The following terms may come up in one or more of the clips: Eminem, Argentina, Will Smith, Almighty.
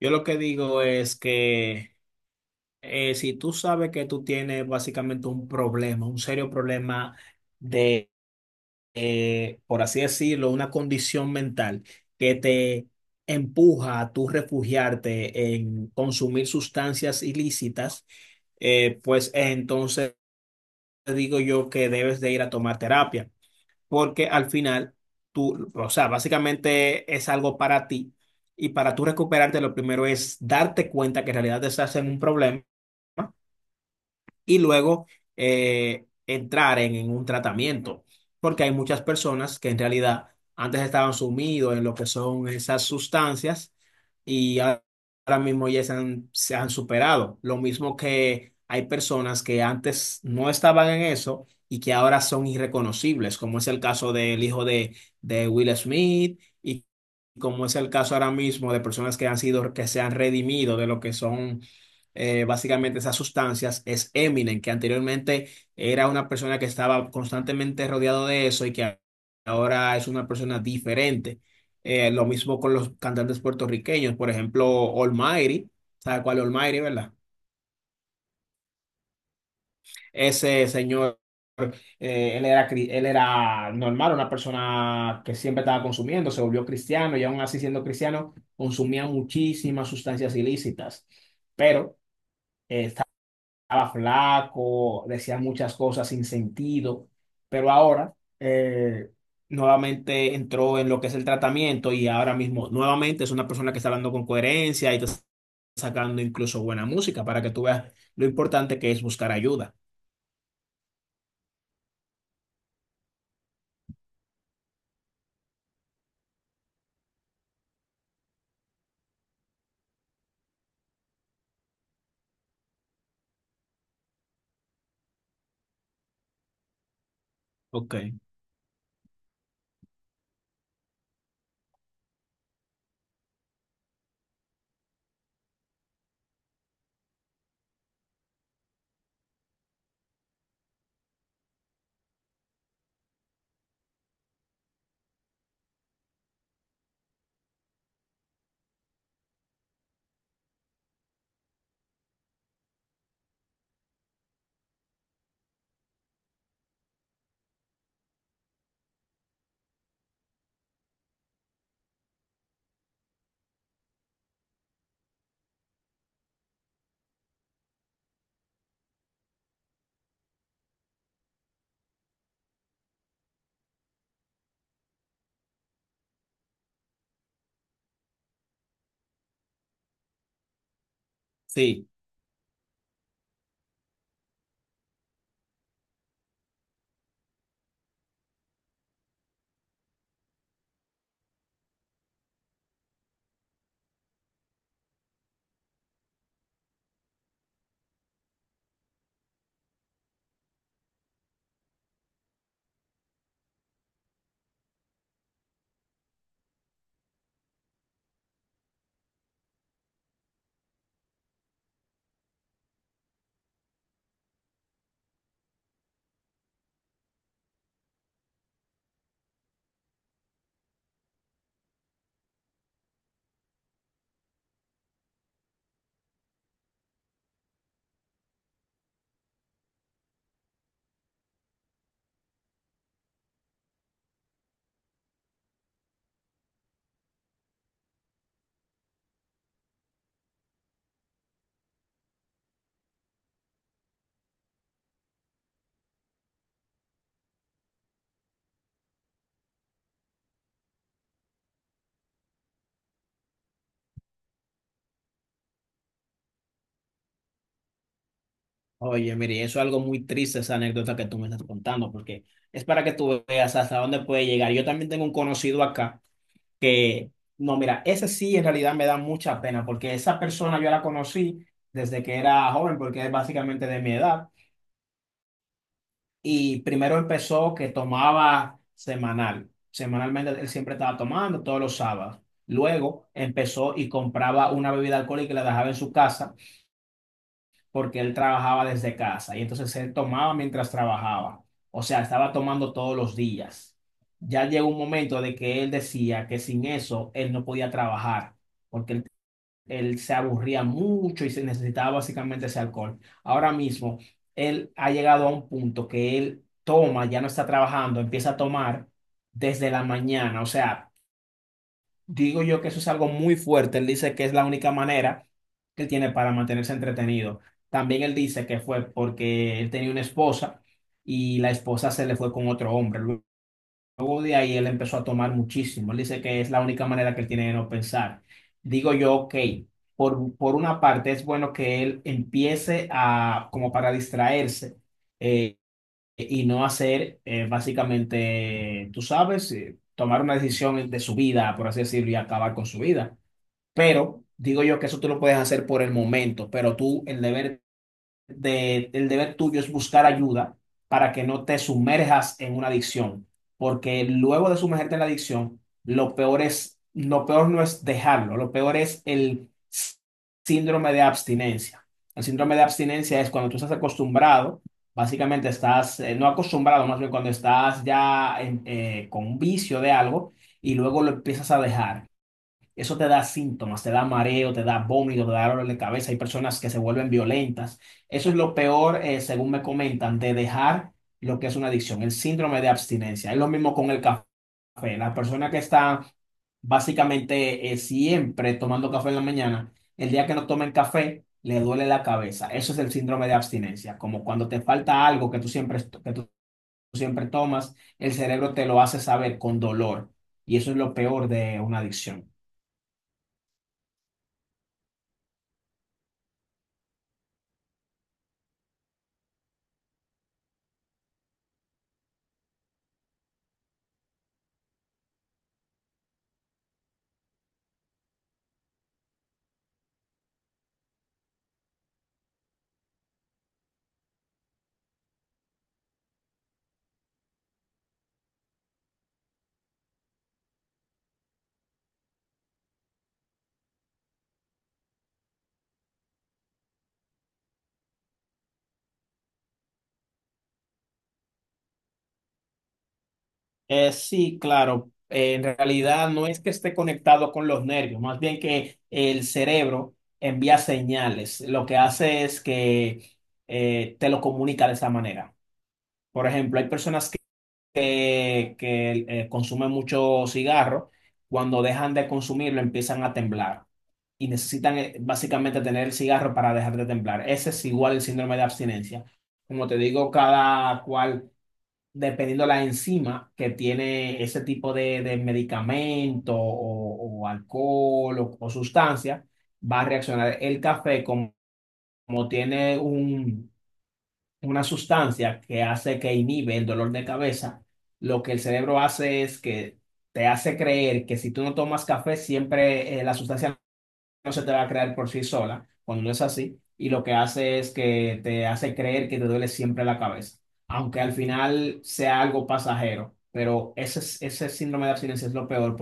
Yo lo que digo es que si tú sabes que tú tienes básicamente un problema, un serio problema de, por así decirlo, una condición mental que te empuja a tú refugiarte en consumir sustancias ilícitas. Pues entonces digo yo que debes de ir a tomar terapia, porque al final tú, o sea, básicamente es algo para ti, y para tú recuperarte lo primero es darte cuenta que en realidad estás en un problema, y luego entrar en un tratamiento, porque hay muchas personas que en realidad antes estaban sumidos en lo que son esas sustancias y ahora mismo ya se han superado. Lo mismo que hay personas que antes no estaban en eso y que ahora son irreconocibles, como es el caso del hijo de Will Smith, y como es el caso ahora mismo de personas que han sido, que se han redimido de lo que son básicamente esas sustancias, es Eminem, que anteriormente era una persona que estaba constantemente rodeado de eso y que ahora es una persona diferente. Lo mismo con los cantantes puertorriqueños, por ejemplo, Almighty. ¿Sabe cuál es Almighty, verdad? Ese señor, él era, él era normal, una persona que siempre estaba consumiendo, se volvió cristiano y aún así siendo cristiano consumía muchísimas sustancias ilícitas, pero... eh, estaba flaco, decía muchas cosas sin sentido, pero ahora nuevamente entró en lo que es el tratamiento, y ahora mismo nuevamente es una persona que está hablando con coherencia y está sacando incluso buena música, para que tú veas lo importante que es buscar ayuda. Ok. Sí. Oye, mire, eso es algo muy triste, esa anécdota que tú me estás contando, porque es para que tú veas hasta dónde puede llegar. Yo también tengo un conocido acá que, no, mira, ese sí en realidad me da mucha pena, porque esa persona yo la conocí desde que era joven, porque es básicamente de mi edad, y primero empezó que tomaba semanal, semanalmente él siempre estaba tomando todos los sábados. Luego empezó y compraba una bebida alcohólica y la dejaba en su casa, porque él trabajaba desde casa y entonces él tomaba mientras trabajaba. O sea, estaba tomando todos los días. Ya llegó un momento de que él decía que sin eso él no podía trabajar, porque él se aburría mucho y se necesitaba básicamente ese alcohol. Ahora mismo, él ha llegado a un punto que él toma, ya no está trabajando, empieza a tomar desde la mañana. O sea, digo yo que eso es algo muy fuerte. Él dice que es la única manera que él tiene para mantenerse entretenido. También él dice que fue porque él tenía una esposa y la esposa se le fue con otro hombre. Luego de ahí él empezó a tomar muchísimo. Él dice que es la única manera que él tiene de no pensar. Digo yo, ok, por una parte es bueno que él empiece a, como para distraerse. eh, y no hacer, básicamente, tú sabes, tomar una decisión de su vida, por así decirlo, y acabar con su vida. Pero digo yo que eso tú lo puedes hacer por el momento, pero tú el deber el deber tuyo es buscar ayuda para que no te sumerjas en una adicción, porque luego de sumergirte en la adicción, lo peor es, lo peor no es dejarlo, lo peor es el síndrome de abstinencia. El síndrome de abstinencia es cuando tú estás acostumbrado, básicamente estás, no acostumbrado, más bien cuando estás ya con un vicio de algo y luego lo empiezas a dejar. Eso te da síntomas, te da mareo, te da vómito, te da dolor de cabeza. Hay personas que se vuelven violentas. Eso es lo peor, según me comentan, de dejar lo que es una adicción, el síndrome de abstinencia. Es lo mismo con el café. La persona que está básicamente siempre tomando café en la mañana, el día que no tomen café, le duele la cabeza. Eso es el síndrome de abstinencia, como cuando te falta algo que tú siempre tomas, el cerebro te lo hace saber con dolor. Y eso es lo peor de una adicción. Sí, claro. En realidad no es que esté conectado con los nervios, más bien que el cerebro envía señales. Lo que hace es que te lo comunica de esa manera. Por ejemplo, hay personas que consumen mucho cigarro, cuando dejan de consumirlo empiezan a temblar y necesitan básicamente tener el cigarro para dejar de temblar. Ese es igual el síndrome de abstinencia. Como te digo, cada cual dependiendo la enzima que tiene ese tipo de medicamento o alcohol o sustancia, va a reaccionar. El café, como tiene una sustancia que hace que inhibe el dolor de cabeza, lo que el cerebro hace es que te hace creer que si tú no tomas café, siempre la sustancia no se te va a crear por sí sola, cuando no es así, y lo que hace es que te hace creer que te duele siempre la cabeza, aunque al final sea algo pasajero, pero ese síndrome de abstinencia es lo peor,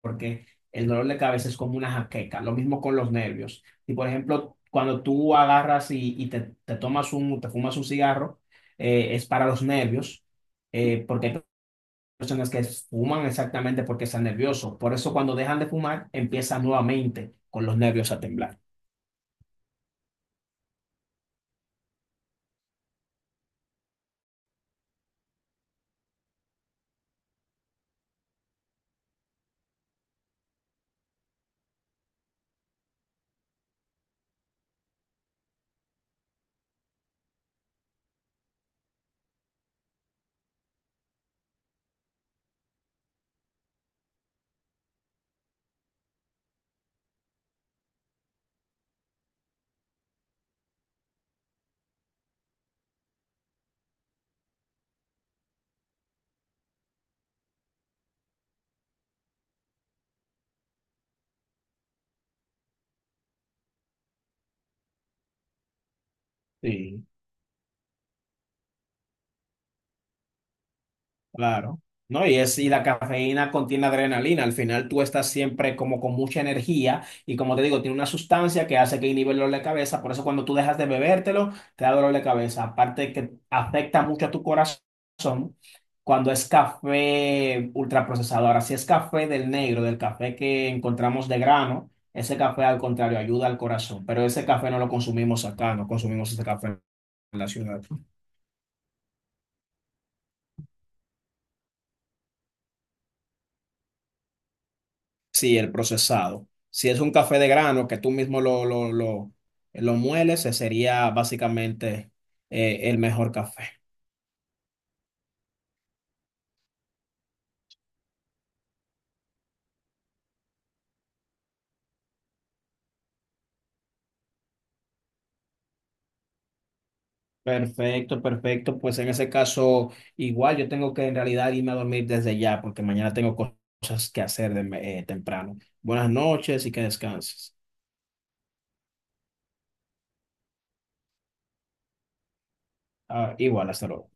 porque el dolor de cabeza es como una jaqueca, lo mismo con los nervios. Y por ejemplo, cuando tú agarras y te tomas te fumas un cigarro, es para los nervios, porque hay personas que fuman exactamente porque están nerviosos. Por eso cuando dejan de fumar, empiezan nuevamente con los nervios a temblar. Sí, claro. No, y es, y la cafeína contiene adrenalina. Al final tú estás siempre como con mucha energía y como te digo, tiene una sustancia que hace que inhibe el dolor de cabeza. Por eso cuando tú dejas de bebértelo, te da dolor de cabeza. Aparte que afecta mucho a tu corazón cuando es café ultraprocesado. Ahora, si es café del negro, del café que encontramos de grano, ese café al contrario ayuda al corazón. Pero ese café no lo consumimos acá, no consumimos ese café en la ciudad. Sí, el procesado. Si es un café de grano que tú mismo lo mueles, ese sería básicamente el mejor café. Perfecto, perfecto. Pues en ese caso, igual yo tengo que en realidad irme a dormir desde ya, porque mañana tengo cosas que hacer temprano. Buenas noches y que descanses. Ah, igual, hasta luego.